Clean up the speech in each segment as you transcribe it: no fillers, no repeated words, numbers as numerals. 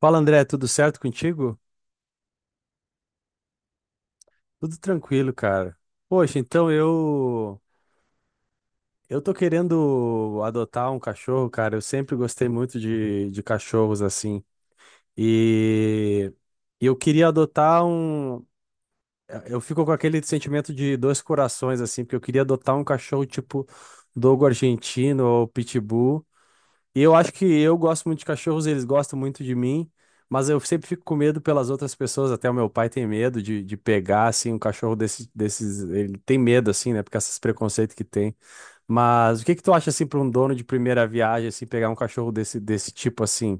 Fala, André, tudo certo contigo? Tudo tranquilo, cara. Poxa, então eu tô querendo adotar um cachorro, cara. Eu sempre gostei muito de cachorros assim. E e eu queria adotar um eu Fico com aquele sentimento de 2 corações assim, porque eu queria adotar um cachorro tipo dogo argentino ou pitbull. Eu acho que eu gosto muito de cachorros, eles gostam muito de mim, mas eu sempre fico com medo pelas outras pessoas, até o meu pai tem medo de pegar, assim, um cachorro desses, ele tem medo, assim, né, porque esses preconceitos que tem. Mas o que que tu acha, assim, para um dono de primeira viagem, assim, pegar um cachorro desse tipo, assim?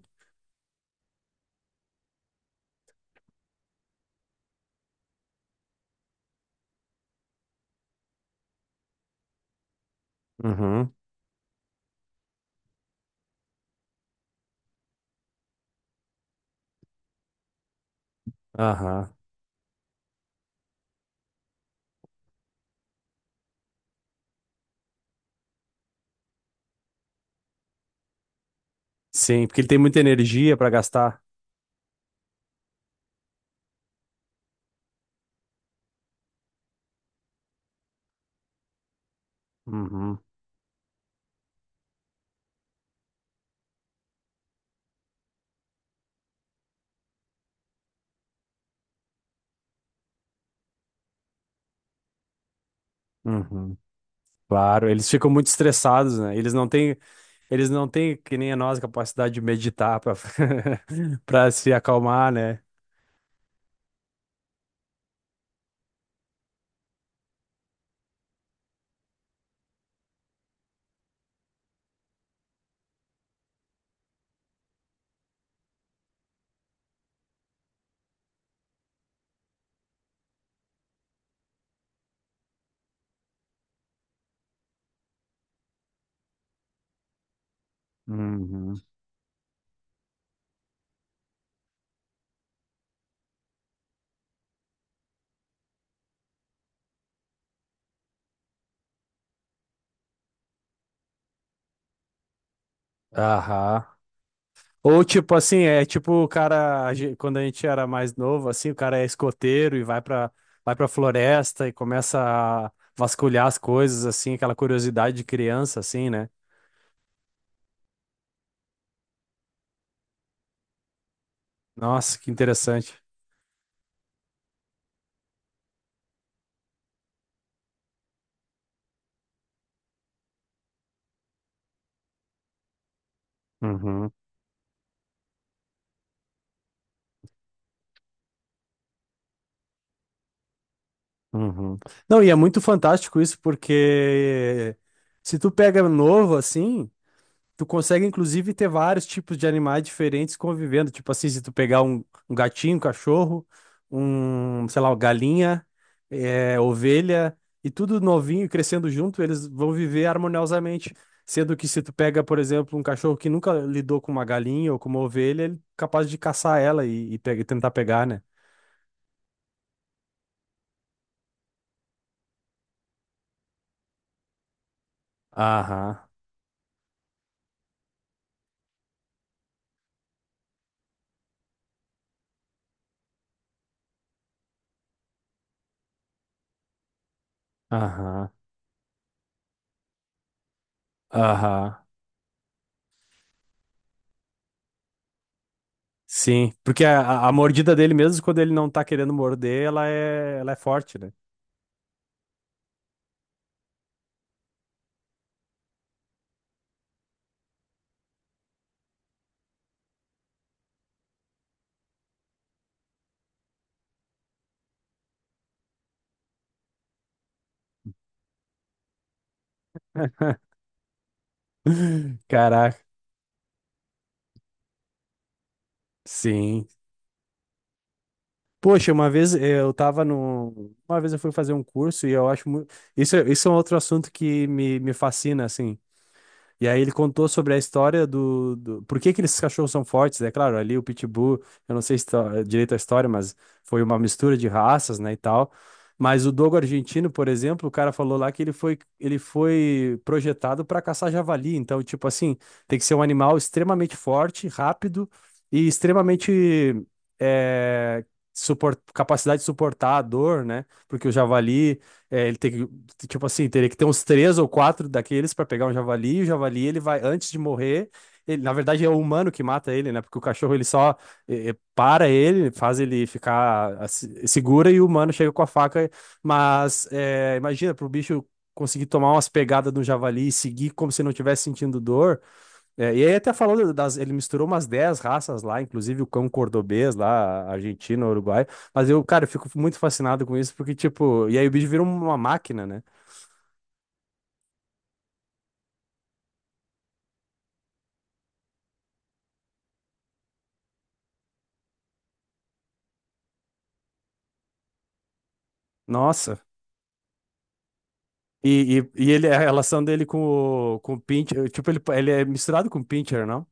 Uhum, aham. Sim, porque ele tem muita energia para gastar. Uhum, uhum. Claro, eles ficam muito estressados, né? Eles não têm. Eles não têm, que nem a nós, capacidade de meditar para para se acalmar, né? Uhum. Aham. Ou tipo assim, é tipo o cara, quando a gente era mais novo, assim, o cara é escoteiro e vai pra floresta e começa a vasculhar as coisas, assim, aquela curiosidade de criança, assim, né? Nossa, que interessante. Uhum. Uhum. Não, e é muito fantástico isso, porque se tu pega novo, assim. Tu consegue, inclusive, ter vários tipos de animais diferentes convivendo. Tipo assim, se tu pegar um gatinho, um cachorro, um, sei lá, uma galinha, ovelha, e tudo novinho e crescendo junto, eles vão viver harmoniosamente. Sendo que se tu pega, por exemplo, um cachorro que nunca lidou com uma galinha ou com uma ovelha, ele é capaz de caçar ela e tentar pegar, né? Aham, aham, aham. Sim, porque a mordida dele, mesmo quando ele não tá querendo morder, ela é forte, né? Caraca, sim. Poxa, uma vez eh, eu tava no. Uma vez eu fui fazer um curso e eu acho muito. Isso, isso é um outro assunto que me fascina, assim. E aí ele contou sobre a história do... Por que que esses cachorros são fortes, né? Claro, ali o Pitbull, eu não sei direito a história, mas foi uma mistura de raças, né, e tal. Mas o dogo argentino, por exemplo, o cara falou lá que ele foi projetado para caçar javali. Então, tipo assim, tem que ser um animal extremamente forte, rápido e extremamente... eh, capacidade de suportar a dor, né? Porque o javali, ele tem que. Tipo assim, teria que ter uns 3 ou 4 daqueles pra pegar um javali, e o javali ele vai, antes de morrer, na verdade é o humano que mata ele, né? Porque o cachorro ele só para ele, faz ele ficar assim, segura e o humano chega com a faca. Mas imagina, pro bicho conseguir tomar umas pegadas do javali e seguir como se não tivesse sentindo dor. É, e aí até falou das, ele misturou umas 10 raças lá, inclusive o cão cordobês lá, Argentina, Uruguai. Mas eu, cara, eu fico muito fascinado com isso, porque, tipo, e aí o bicho vira uma máquina, né? Nossa. A relação dele com com o Pincher, tipo, ele é misturado com o Pincher, não?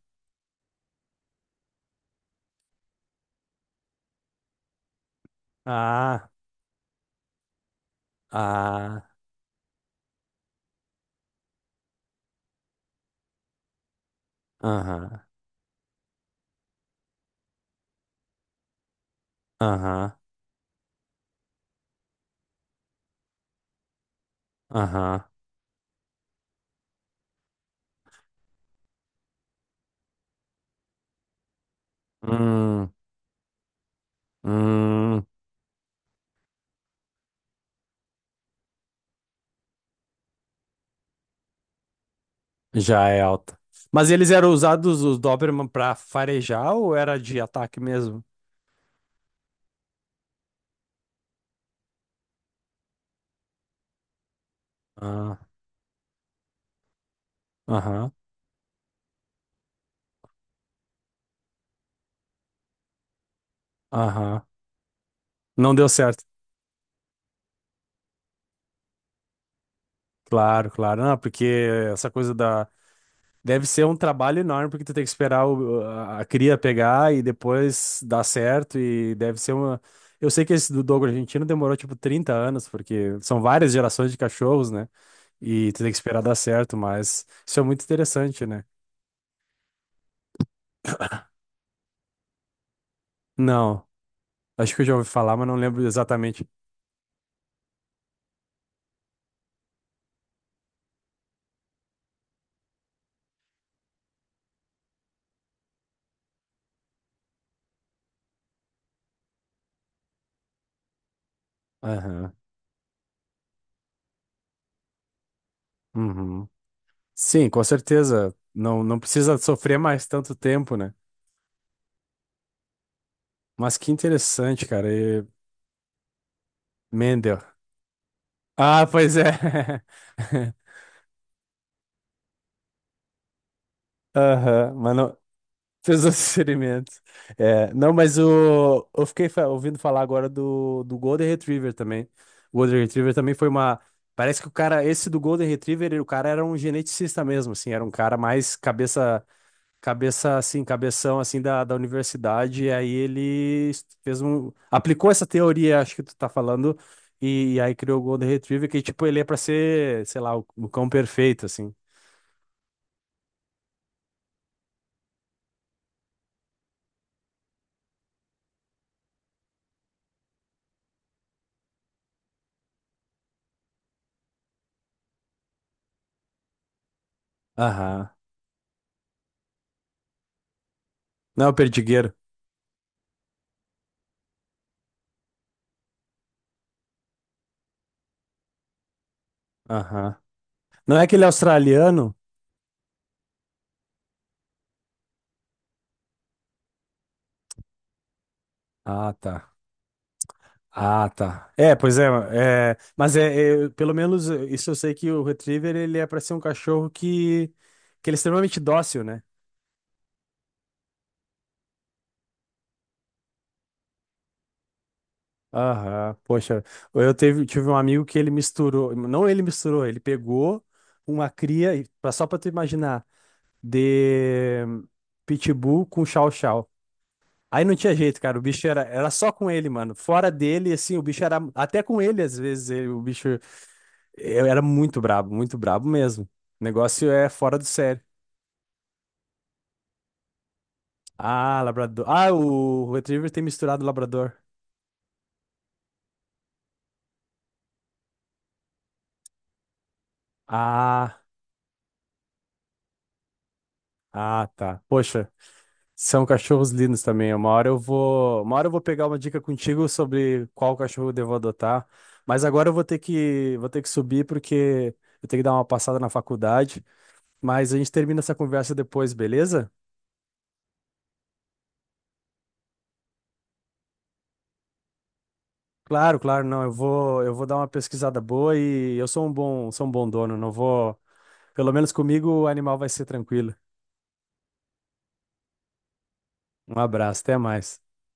Ah, ah, aham, aham, aham, hum, hum, já é alta. Mas eles eram usados, os Doberman, pra farejar ou era de ataque mesmo? Ah, aham, aham, não deu certo. Claro, claro, não, porque essa coisa da. Deve ser um trabalho enorme, porque tu tem que esperar a cria pegar e depois dar certo. E deve ser uma. Eu sei que esse do Dogo argentino demorou tipo 30 anos, porque são várias gerações de cachorros, né? E tu tem que esperar dar certo, mas isso é muito interessante, né? Não, acho que eu já ouvi falar, mas não lembro exatamente. Aham. Uhum. Sim, com certeza. Não, não precisa sofrer mais tanto tempo, né? Mas que interessante, cara. E... Mendel. Ah, pois é. Aham, mano. Fez seus assessoramentos. É, não, mas o, ouvindo falar agora do Golden Retriever também. O Golden Retriever também foi uma. Parece que o cara, esse do Golden Retriever, o cara era um geneticista mesmo, assim, era um cara mais cabeça. Cabeça assim, cabeção assim da universidade, e aí fez um, aplicou essa teoria, acho que tu tá falando, e aí criou o Golden Retriever, que tipo, ele é pra ser, sei lá, o cão perfeito, assim. Aham. Não é o perdigueiro. Aham. Não é aquele australiano? Ah, tá. Ah, tá. É, pois é, é, mas é, é, pelo menos isso eu sei que o Retriever ele é para ser um cachorro que ele é extremamente dócil, né? Aham, poxa, tive um amigo que ele misturou, não ele misturou, ele pegou uma cria, só pra tu imaginar, de Pitbull com Chow Chow. Aí não tinha jeito, cara, era só com ele, mano. Fora dele, assim, até com ele às vezes, o bicho eu era muito brabo mesmo. O negócio é fora do sério. Ah, labrador. Ah, o Retriever tem misturado labrador. Ah, ah, tá. Poxa, são cachorros lindos também. Uma hora eu vou pegar uma dica contigo sobre qual cachorro eu devo adotar. Mas agora eu vou ter que subir porque eu tenho que dar uma passada na faculdade. Mas a gente termina essa conversa depois, beleza? Claro, claro, não. Eu vou dar uma pesquisada boa e eu sou sou um bom dono. Não vou, pelo menos comigo o animal vai ser tranquilo. Um abraço, até mais.